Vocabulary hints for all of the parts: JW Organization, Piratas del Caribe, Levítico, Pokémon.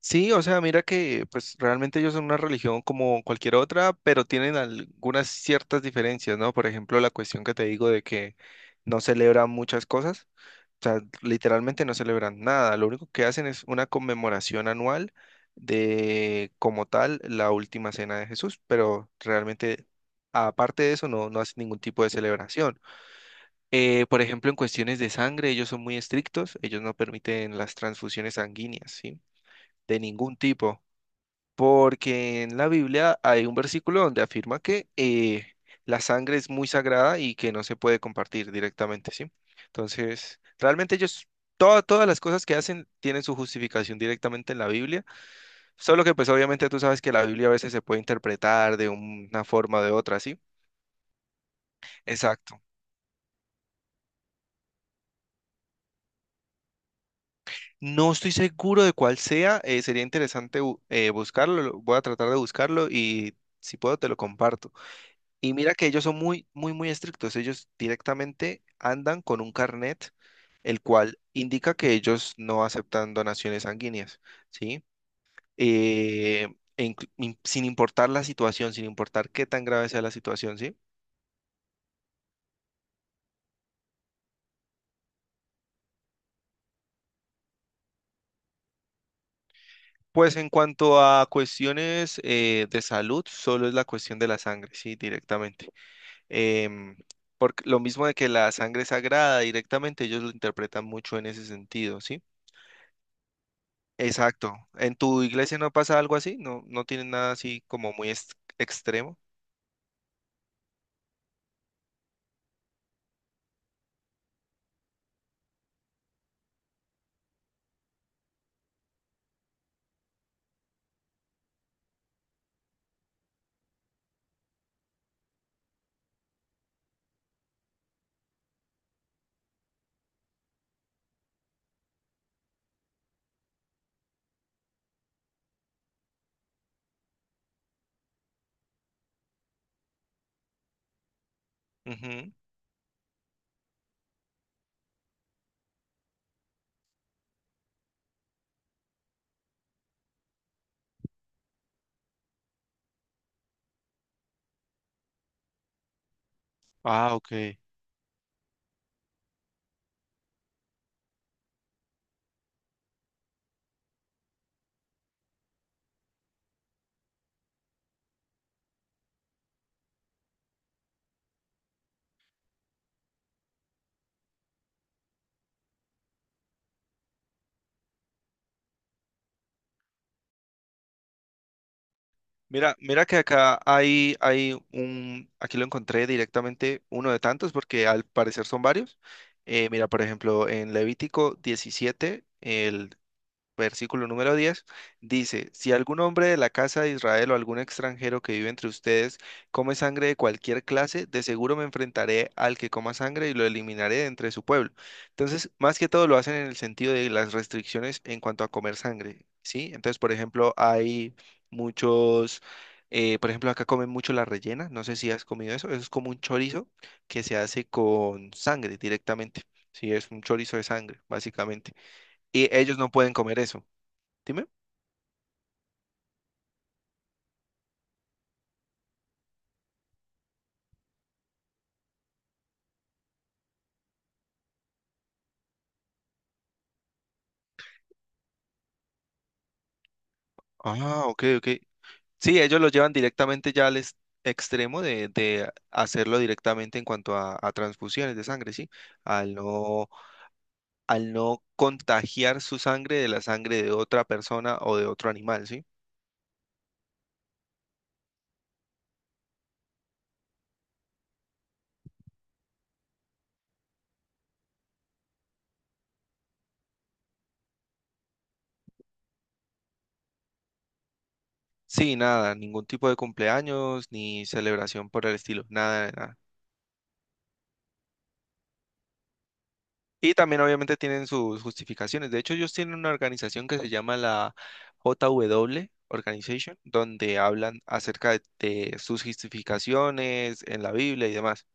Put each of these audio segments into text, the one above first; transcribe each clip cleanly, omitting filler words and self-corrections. Sí, o sea, mira que pues realmente ellos son una religión como cualquier otra, pero tienen algunas ciertas diferencias, ¿no? Por ejemplo, la cuestión que te digo de que no celebran muchas cosas, o sea, literalmente no celebran nada, lo único que hacen es una conmemoración anual de como tal la última cena de Jesús, pero realmente aparte de eso no hacen ningún tipo de celebración. Por ejemplo, en cuestiones de sangre, ellos son muy estrictos, ellos no permiten las transfusiones sanguíneas, ¿sí? De ningún tipo porque en la Biblia hay un versículo donde afirma que la sangre es muy sagrada y que no se puede compartir directamente, ¿sí? Entonces, realmente ellos, todas las cosas que hacen tienen su justificación directamente en la Biblia, solo que pues obviamente tú sabes que la Biblia a veces se puede interpretar de una forma o de otra, ¿sí? Exacto. No estoy seguro de cuál sea, sería interesante buscarlo, voy a tratar de buscarlo y si puedo te lo comparto. Y mira que ellos son muy, muy, muy estrictos. Ellos directamente andan con un carnet, el cual indica que ellos no aceptan donaciones sanguíneas, ¿sí? Eh, Sin importar la situación, sin importar qué tan grave sea la situación, ¿sí? Pues en cuanto a cuestiones de salud, solo es la cuestión de la sangre, ¿sí? Directamente. Em, por lo mismo de que la sangre es sagrada, directamente ellos lo interpretan mucho en ese sentido, ¿sí? Exacto. ¿En tu iglesia no pasa algo así? No tienen nada así como muy extremo? Ujú. Ah, ok. Mira que acá aquí lo encontré directamente uno de tantos porque al parecer son varios. Mira, por ejemplo, en Levítico 17 el versículo número 10 dice, si algún hombre de la casa de Israel o algún extranjero que vive entre ustedes come sangre de cualquier clase, de seguro me enfrentaré al que coma sangre y lo eliminaré de entre su pueblo. Entonces, más que todo lo hacen en el sentido de las restricciones en cuanto a comer sangre, ¿sí? Entonces, por ejemplo, hay muchos... por ejemplo, acá comen mucho la rellena, no sé si has comido eso, eso es como un chorizo que se hace con sangre directamente, sí, es un chorizo de sangre, básicamente. Y ellos no pueden comer eso. Dime. Ah, ok. Sí, ellos lo llevan directamente ya al extremo de hacerlo directamente en cuanto a transfusiones de sangre, ¿sí? Al no, al no contagiar su sangre de la sangre de otra persona o de otro animal, ¿sí? Sí, nada, ningún tipo de cumpleaños ni celebración por el estilo, nada. Y también obviamente tienen sus justificaciones. De hecho, ellos tienen una organización que se llama la JW Organization, donde hablan acerca de sus justificaciones en la Biblia y demás.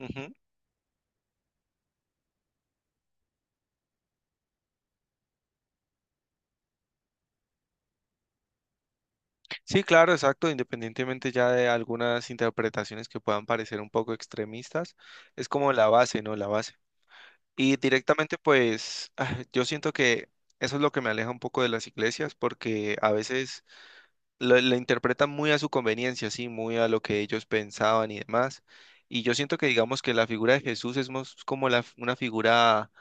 Ujú. Sí, claro, exacto. Independientemente ya de algunas interpretaciones que puedan parecer un poco extremistas, es como la base, ¿no? La base. Y directamente, pues, ah, yo siento que eso es lo que me aleja un poco de las iglesias, porque a veces la interpretan muy a su conveniencia, sí, muy a lo que ellos pensaban y demás. Y yo siento que digamos que la figura de Jesús es más como una figura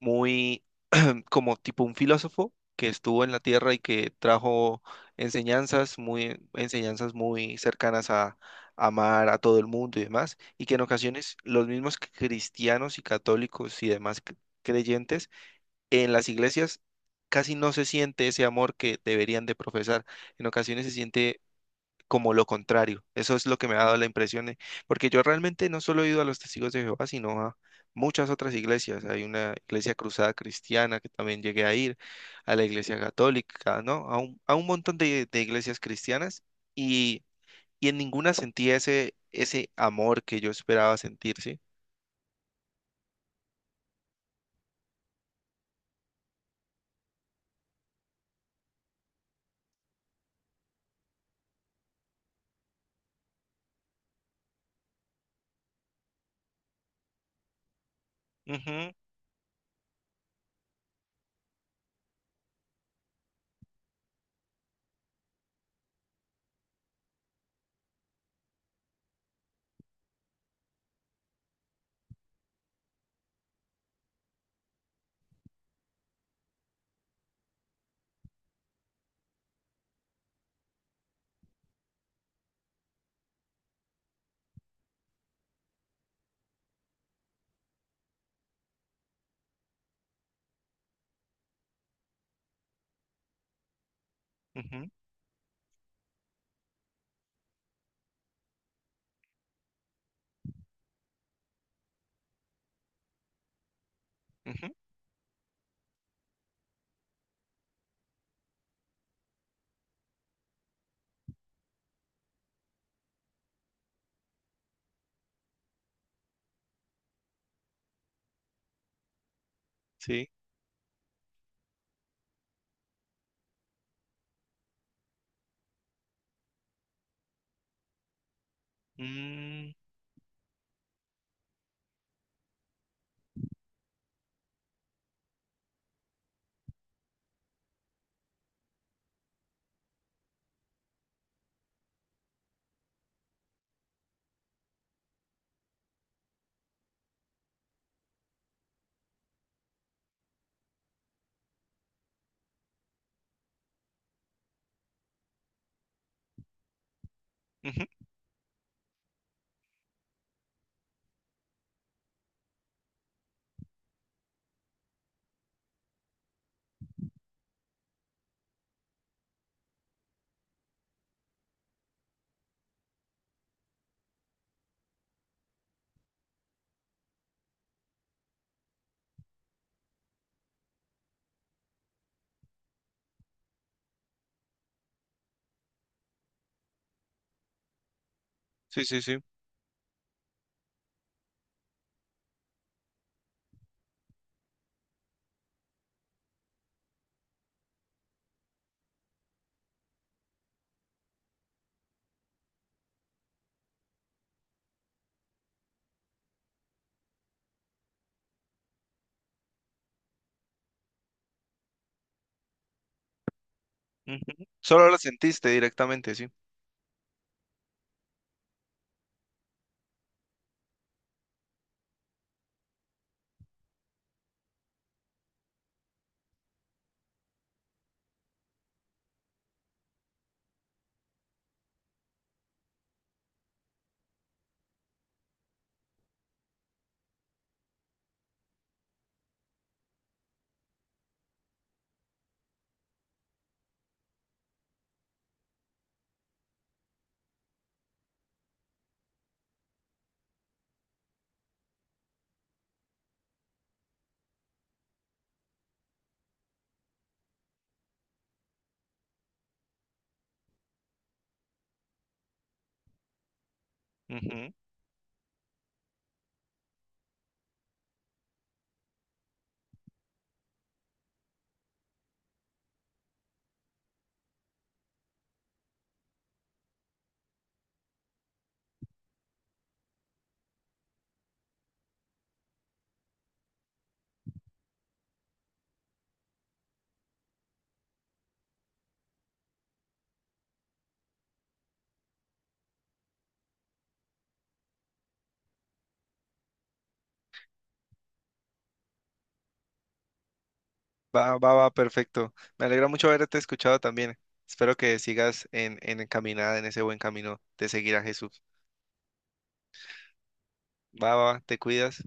muy como tipo un filósofo que estuvo en la tierra y que trajo enseñanzas muy cercanas a amar a todo el mundo y demás, y que en ocasiones los mismos cristianos y católicos y demás creyentes en las iglesias casi no se siente ese amor que deberían de profesar. En ocasiones se siente como lo contrario. Eso es lo que me ha dado la impresión, porque yo realmente no solo he ido a los Testigos de Jehová, sino a muchas otras iglesias. Hay una iglesia cruzada cristiana que también llegué a ir, a la iglesia católica, ¿no? A un montón de iglesias cristianas y, y en ninguna sentía ese amor que yo esperaba sentir, ¿sí? Ujú, ujú, ujú, sí. Mm, ujú, sí, sí, sí, ujú. Solo lo sentiste directamente, sí. Ujú. Va, va, va, perfecto. Me alegra mucho haberte escuchado también. Espero que sigas en encaminada, en ese buen camino de seguir a Jesús. Va, va, va, te cuidas.